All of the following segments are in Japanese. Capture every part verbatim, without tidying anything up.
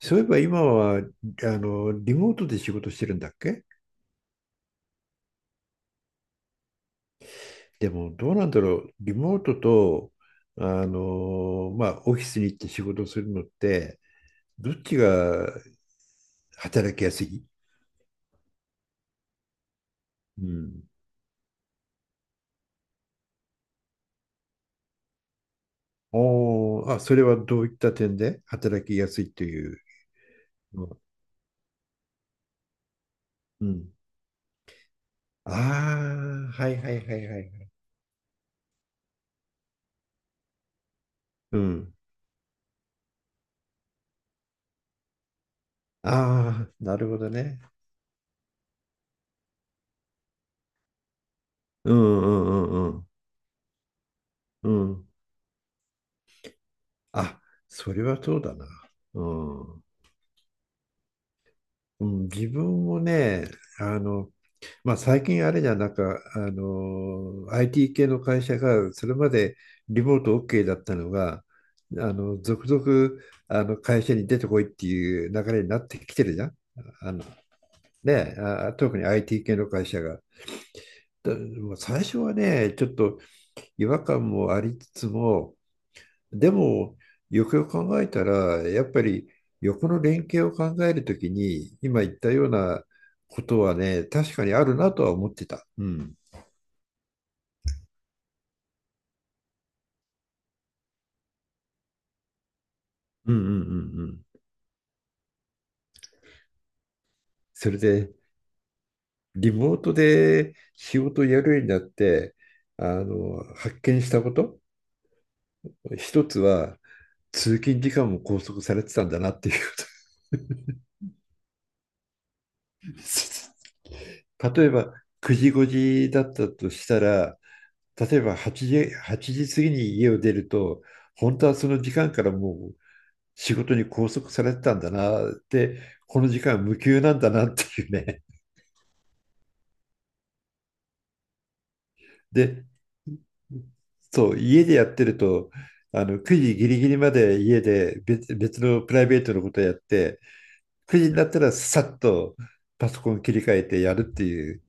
そういえば今は、あの、リモートで仕事してるんだっけ？でも、どうなんだろう。リモートと、あの、まあ、オフィスに行って仕事するのって、どっちが働きやすい？うん。おー、あ、それはどういった点で働きやすいというのは？うん。ああ、はいはいはいはい。うん。ああ、なるほどね。うんうんうんうん。うん。あ、それはそうだな。うん。うん、自分もね、あの、まあ、最近あれじゃん、なんか、あの、アイティー 系の会社が、それまでリモート OK だったのが、あの、続々、あの、会社に出てこいっていう流れになってきてるじゃん。あの、ね、あ、特に アイティー 系の会社が。だもう最初はね、ちょっと違和感もありつつも、でも、よくよく考えたら、やっぱり横の連携を考えるときに、今言ったようなことはね、確かにあるなとは思ってた。うん。うんうんうんうん。それで、リモートで仕事をやるようになって、あの、発見したこと、一つは、通勤時間も拘束されてたんだなっていうこと。例えば、くじごじだったとしたら、例えばはちじ、はちじ過ぎに家を出ると、本当はその時間からもう仕事に拘束されてたんだなって、この時間無給なんだなっていうね。で、そう、家でやってると、あのくじギリギリまで家で別、別のプライベートのことをやって、くじになったらさっとパソコン切り替えてやるっていう、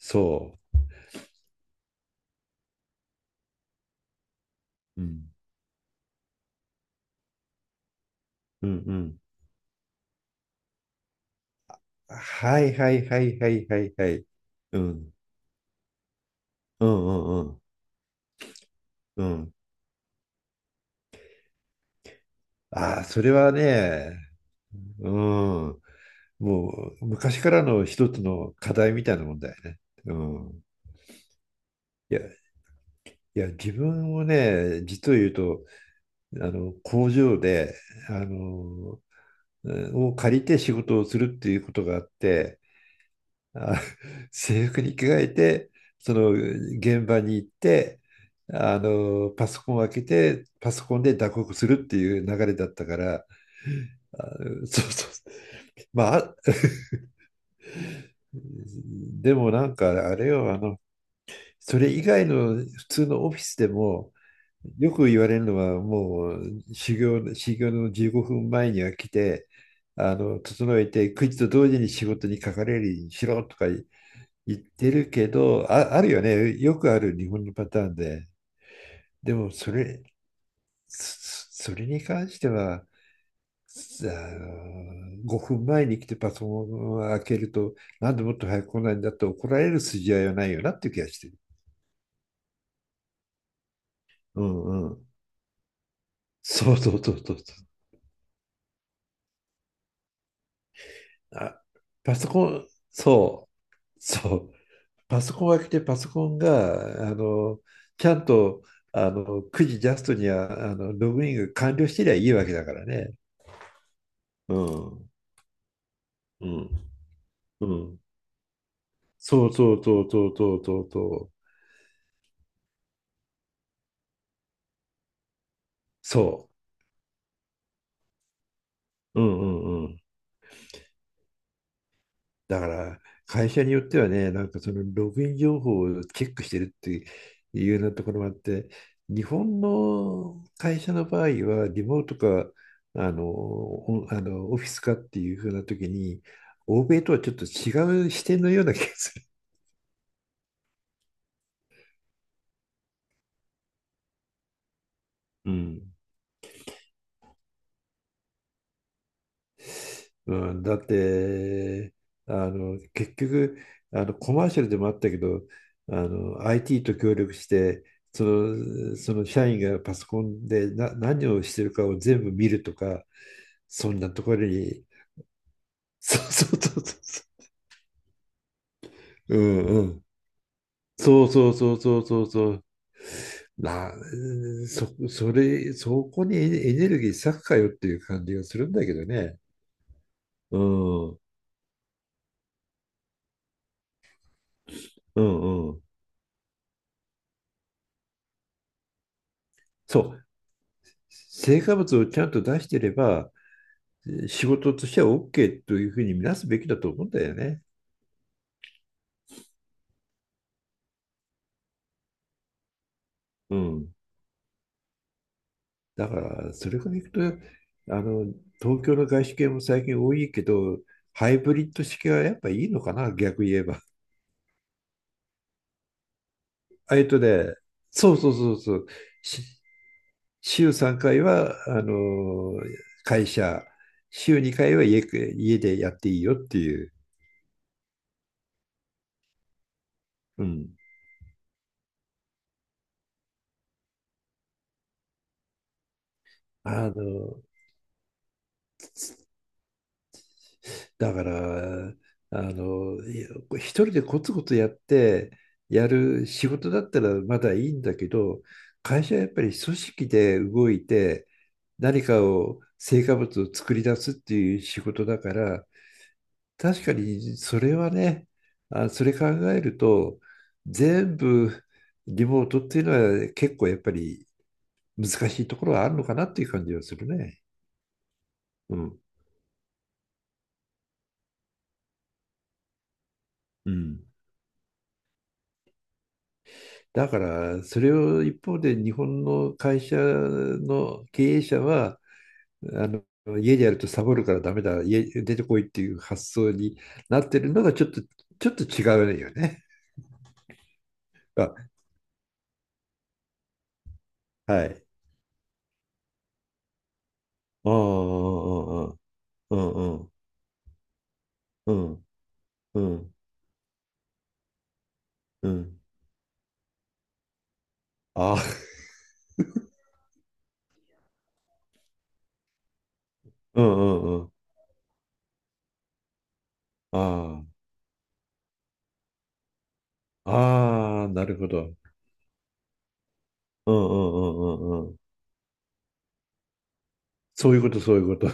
そう。うん、うん、うん。はいはいはいはいはいはい。うん、うん、うん、うん。うん。ああ、それはね、うん、もう昔からの一つの課題みたいなもんだよね。うん、いや、いや、自分もね、実を言うと、あの工場で、あの、うんを借りて仕事をするっていうことがあって、あ、制服に着替えて、その現場に行って、あの、パソコンを開けて、パソコンで打刻するっていう流れだったから、あ、そうそう。まあ、あ、でもなんかあれよ、あの、それ以外の普通のオフィスでも、よく言われるのは、もう修行、修行のじゅうごふんまえには来て、あの、整えて、くじと同時に仕事にかかれるようにしろとか言ってるけど、あ、あるよね、よくある日本のパターンで。でも、それ、そそれに関しては、さあごふんまえに来てパソコンを開けると、なんでもっと早く来ないんだって怒られる筋合いはないよなっていう気がしてる。うんうん。そうそうそうそう。あ、パソコン、そう、そう。パソコンを開けてパソコンが、あの、ちゃんと、あの、くじジャストには、あの、ログインが完了してりゃいいわけだからね。うん、うん、うん。そうそうそうそうそうそうそう。そう。うんうんうん。だから会社によってはね、なんかそのログイン情報をチェックしてるっていうようなところもあって、日本の会社の場合はリモートかあのおあのオフィスかっていうふうな時に、欧米とはちょっと違う視点のような気がする。うん。うん、だって、あの、結局、あの、コマーシャルでもあったけど、あの、アイティー と協力して、その、その社員がパソコンでな、何をしてるかを全部見るとか、そんなところに、そうそうそうそうそう、うんうん、そうそうそうそうそうそう、な、そ、それ、そこにエネエネルギー割くかよっていう感じがするんだけどね。うん、うん、うん。そう、成果物をちゃんと出してれば、仕事としては OK というふうに見なすべきだと思うんだよね。うん。だから、それからいくと、あの、東京の外資系も最近多いけど、ハイブリッド式はやっぱいいのかな、逆言えば。あえとね、そうそうそうそう。し週さんかいは、あの、会社、週にかいは家、家、でやっていいよっていう。うん。あの、だから、あの、いや、一人でコツコツやって、やる仕事だったらまだいいんだけど、会社はやっぱり組織で動いて、何かを、成果物を作り出すっていう仕事だから、確かにそれはね、あ、それ考えると、全部リモートっていうのは結構やっぱり難しいところはあるのかなっていう感じはするね。うん。うん、だからそれを一方で日本の会社の経営者はあの家でやるとサボるからダメだ家出てこいっていう発想になってるのがちょっとちょっと違うよね。あ、はい。うんうんうんうんうんうんうん、あ、うんうんうん、ああああ、なるほど。うんうんうんうんうん、そういうこと、そういうこと。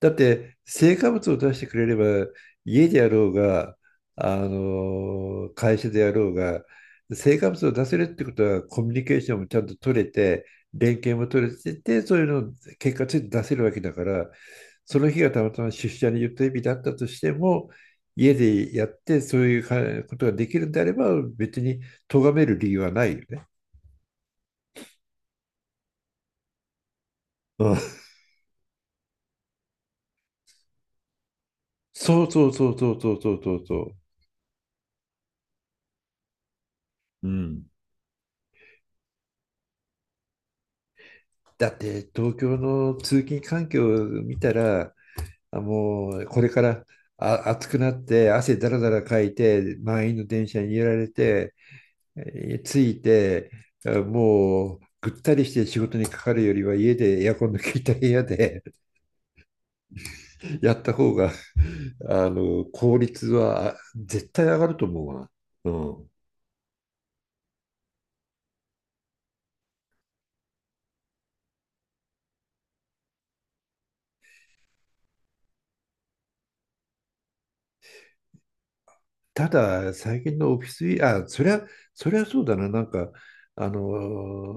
だって、成果物を出してくれれば、家でやろうが、あの、会社でやろうが、成果物を出せるってことは、コミュニケーションもちゃんと取れて、連携も取れてて、そういうのを結果ついて出せるわけだから、その日がたまたま出社の予定日だったとしても、家でやって、そういうかことができるんであれば、別に咎める理由はないよね。うん。そうそうそうそうそうそうそうそう。うん。だって東京の通勤環境を見たら、あ、もうこれからあ暑くなって汗だらだらかいて満員の電車に揺られて、えー着いてあもうぐったりして仕事にかかるよりは家でエアコンの効いた部屋で やった方があの効率はあ絶対上がると思うわ。うん。ただ、最近のオフィス、あ、そりゃ、そりゃそうだな、なんか、あの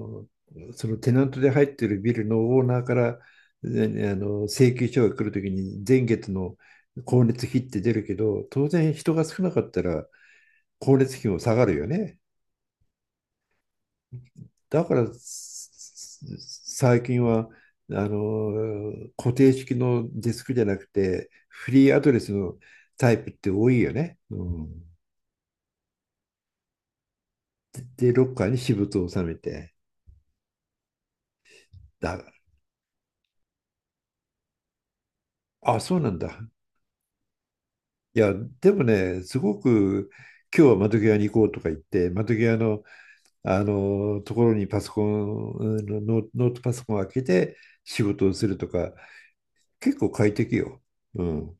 ーそのテナントで入ってるビルのオーナーから、ね、あの請求書が来るときに、前月の光熱費って出るけど、当然人が少なかったら光熱費も下がるよね。だから、す最近は、あのー固定式のデスクじゃなくて、フリーアドレスのタイプって多いよね。うん、で、ロッカーに私物を収めて。だから、あ、そうなんだ。いや、でもね、すごく今日は窓際に行こうとか言って、窓際の、あのところにパソコン、うんノーノートパソコンを開けて仕事をするとか、結構快適よ。うん。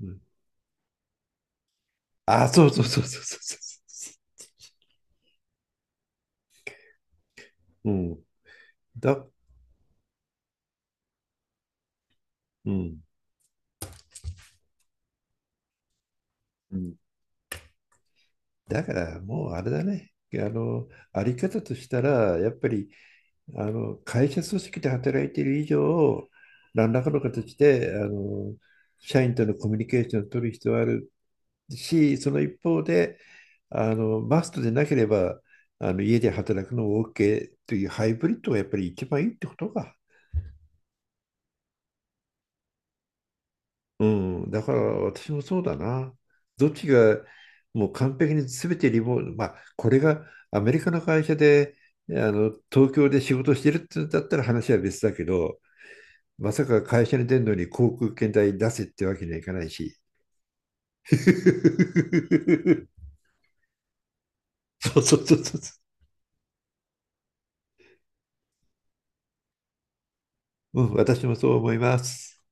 うん、あ、そうそうそうそうそうそう。うん。だ、うん。うん。だからもうあれだね。あの、あり方としたら、やっぱりあの会社組織で働いている以上、何らかの形であの社員とのコミュニケーションを取る必要はあるし、その一方で、あのマストでなければあの家で働くのも OK というハイブリッドがやっぱり一番いいってことか。うん、だから私もそうだな。どっちがもう完璧に全てリモート、まあ、これがアメリカの会社であの東京で仕事してるってだったら話は別だけど、まさか会社に出るのに航空券代出せってわけにはいかないし。そうそうそうそう。うん、私もそう思います。